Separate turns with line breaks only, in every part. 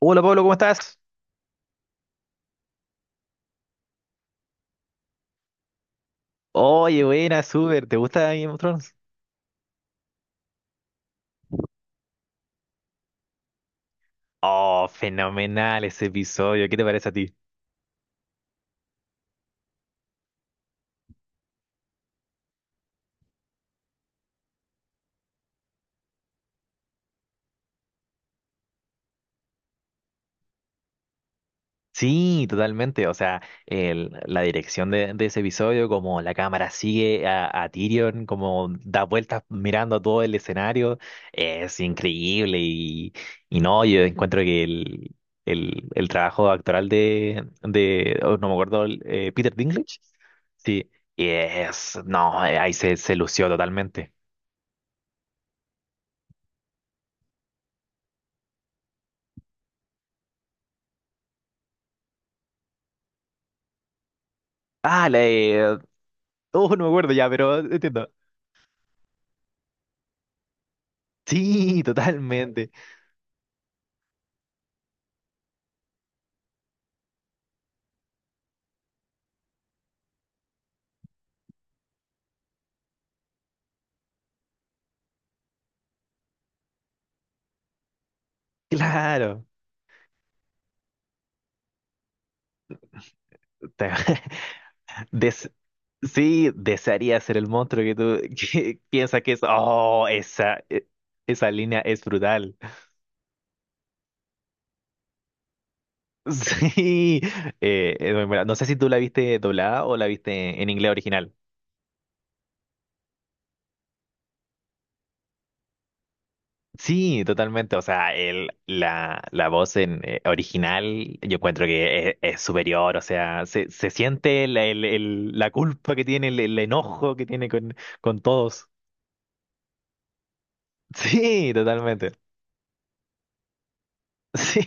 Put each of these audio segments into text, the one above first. Hola Pablo, ¿cómo estás? Oye, buena, súper. ¿Te gusta Game of Thrones? Oh, fenomenal ese episodio. ¿Qué te parece a ti? Sí, totalmente. O sea, la dirección de ese episodio, como la cámara sigue a Tyrion, como da vueltas mirando a todo el escenario, es increíble. Y no, yo encuentro que el trabajo actoral de oh, no me acuerdo, el, Peter Dinklage, sí, es, no, ahí se lució totalmente. Ah, la de... Oh, no me acuerdo ya, pero entiendo. Sí, totalmente. Claro. Te- des- Sí, desearía ser el monstruo que tú que piensas que es. Oh, esa, esa línea es brutal. Sí. Es muy buena. No sé si tú la viste doblada o la viste en inglés original. Sí, totalmente. O sea, el, la voz en, original yo encuentro que es superior. O sea, se siente la, la culpa que tiene, el enojo que tiene con todos. Sí, totalmente. Sí.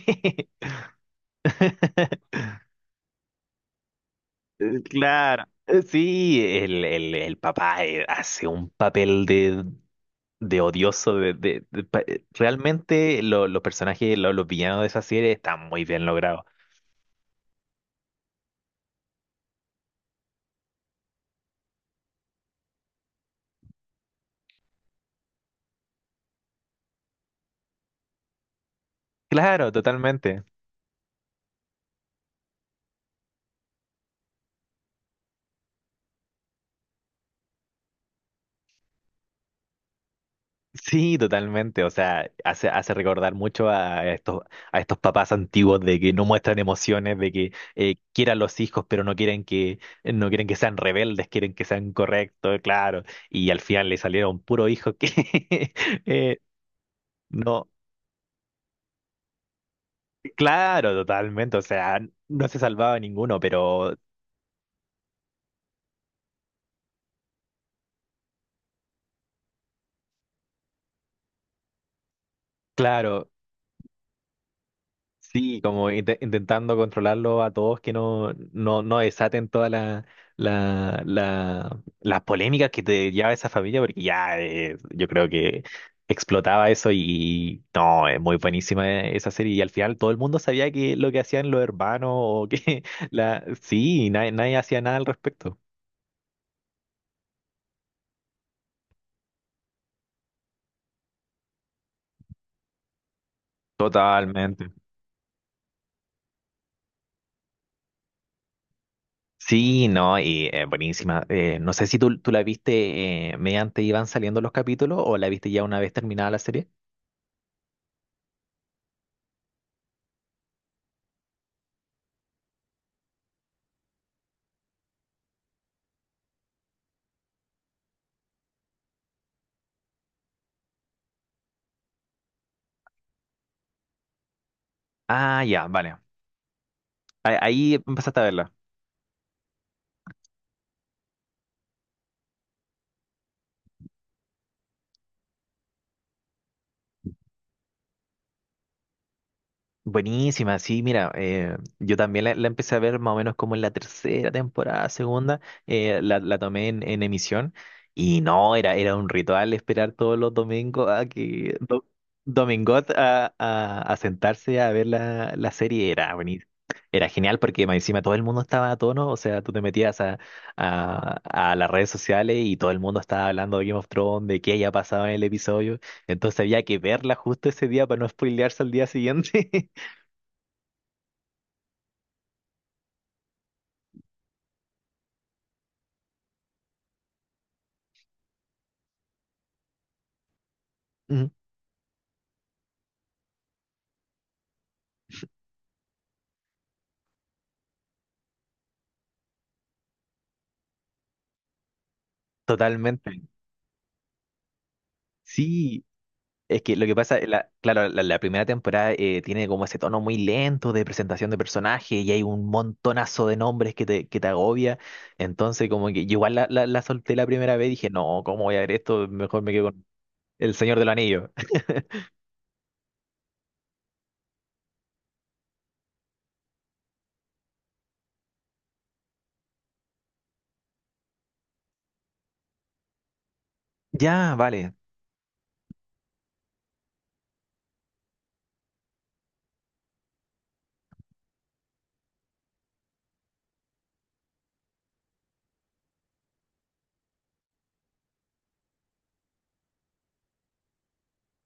Claro. Sí, el papá hace un papel de odioso. De, realmente los personajes, los villanos de esa serie están muy bien logrados. Claro, totalmente. Sí, totalmente. O sea, hace, hace recordar mucho a estos papás antiguos de que no muestran emociones, de que quieran los hijos, pero no quieren que, no quieren que sean rebeldes, quieren que sean correctos, claro. Y al final le salieron puro hijo que eh, no, claro, totalmente. O sea, no se salvaba ninguno, pero claro. Sí, como intentando controlarlo a todos que no, no, no desaten toda la, las polémicas que te lleva esa familia, porque ya yo creo que explotaba eso y no, es muy buenísima esa serie. Y al final todo el mundo sabía que lo que hacían los hermanos o que la sí, nadie, nadie hacía nada al respecto. Totalmente. Sí, no, y buenísima. No sé si tú la viste mediante iban saliendo los capítulos o la viste ya una vez terminada la serie. Ah, ya, vale. A- Ahí empezaste a verla. Buenísima, sí, mira, yo también la empecé a ver más o menos como en la tercera temporada, segunda, la, la tomé en emisión y no, era, era un ritual esperar todos los domingos a que Domingot a sentarse a ver la, la serie, era buenísimo. Era genial porque más encima todo el mundo estaba a tono, o sea, tú te metías a, a las redes sociales y todo el mundo estaba hablando de Game of Thrones, de qué haya pasado en el episodio. Entonces había que verla justo ese día para no spoilearse al día siguiente. Ujú, totalmente. Sí, es que lo que pasa, la, claro, la primera temporada tiene como ese tono muy lento de presentación de personaje y hay un montonazo de nombres que te agobia. Entonces, como que yo igual la, la solté la primera vez y dije, no, ¿cómo voy a ver esto? Mejor me quedo con El Señor del Anillo. Ya, vale.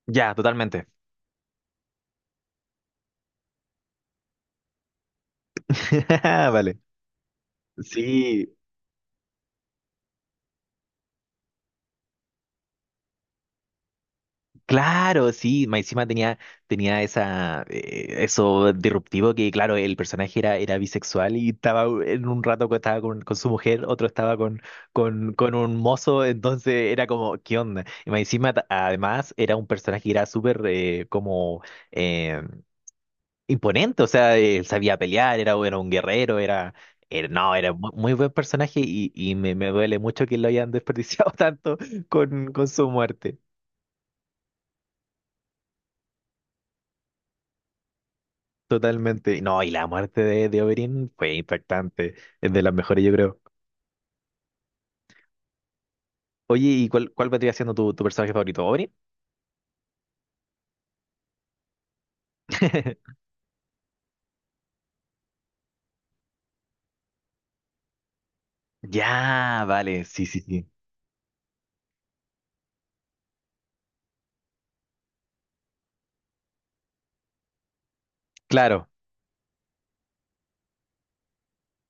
Ya, totalmente. Vale. Sí, claro, sí, más encima tenía, tenía esa, eso disruptivo que, claro, el personaje era, era bisexual y estaba en un rato que estaba con su mujer, otro estaba con un mozo, entonces era como, ¿qué onda? Y más encima, además, era un personaje que era súper como eh, imponente, o sea, él sabía pelear, era, era un guerrero, era, no, era muy, muy buen personaje y me duele mucho que lo hayan desperdiciado tanto con su muerte. Totalmente. No, y la muerte de Oberyn fue impactante. Es de las mejores, yo creo. Oye, ¿y cuál vendría siendo tu, tu personaje favorito? ¿Oberyn? Ya, vale, sí, sí, sí. Claro,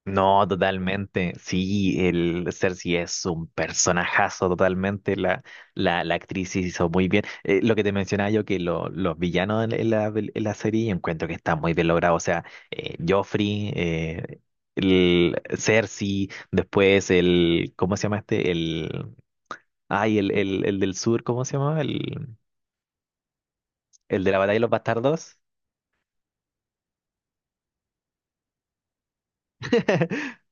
no, totalmente. Sí, el Cersei es un personajazo totalmente. La actriz hizo muy bien. Lo que te mencionaba yo, que los villanos en la, en la en la serie encuentro que están muy bien logrados. O sea, Joffrey, el Cersei, después el, ¿cómo se llama este? El, ay, el del sur, ¿cómo se llama? El de la batalla de los bastardos.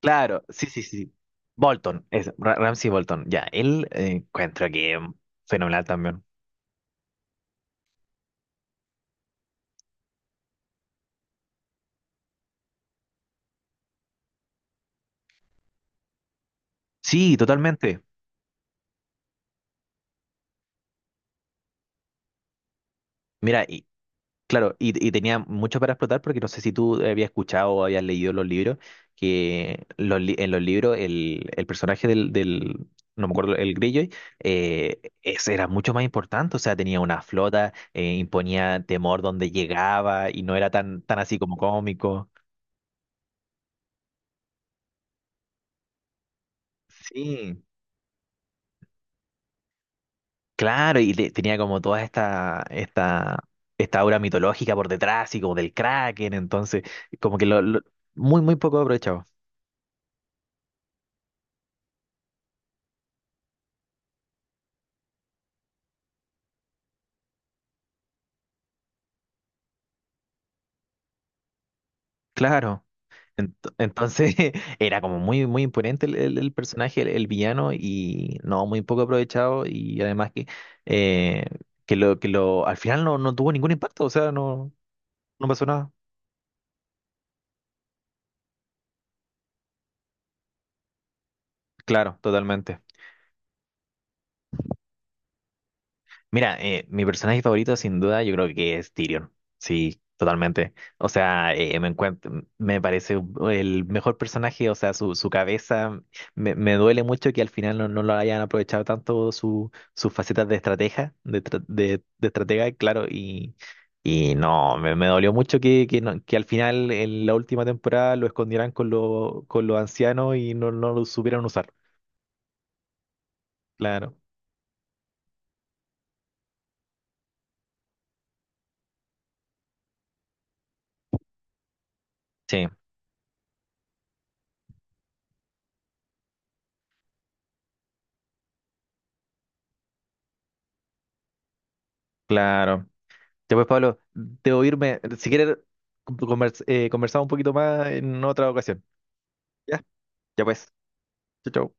Claro, sí, sí, sí. Bolton, es Ramsey Bolton. Ya, él encuentro que fenomenal también. Sí, totalmente. Mira, y claro, y tenía mucho para explotar porque no sé si tú habías escuchado o habías leído los libros, que los en los libros el personaje del, no me acuerdo, el Greyjoy, ese era mucho más importante, o sea, tenía una flota, imponía temor donde llegaba y no era tan, tan así como cómico. Sí. Claro, y tenía como toda esta, esta, esta aura mitológica por detrás y como del Kraken, entonces, como que lo, muy, muy poco aprovechado. Claro. Entonces era como muy, muy imponente el, el personaje, el villano, y no, muy poco aprovechado, y además eh, que lo, al final no, no tuvo ningún impacto, o sea, no, no pasó nada. Claro, totalmente. Mira, mi personaje favorito sin duda yo creo que es Tyrion. Sí, totalmente. O sea, me encuentro, me parece el mejor personaje, o sea, su cabeza, me duele mucho que al final no, no lo hayan aprovechado tanto su, sus facetas de estratega, de, de estratega, claro, y no, me dolió mucho que, que al final en la última temporada lo escondieran con lo con los ancianos y no, no lo supieran usar. Claro, sí, claro. Ya pues, Pablo, debo irme. Si quieres, conversamos un poquito más en otra ocasión. ¿Ya? Ya pues. Chau, chau.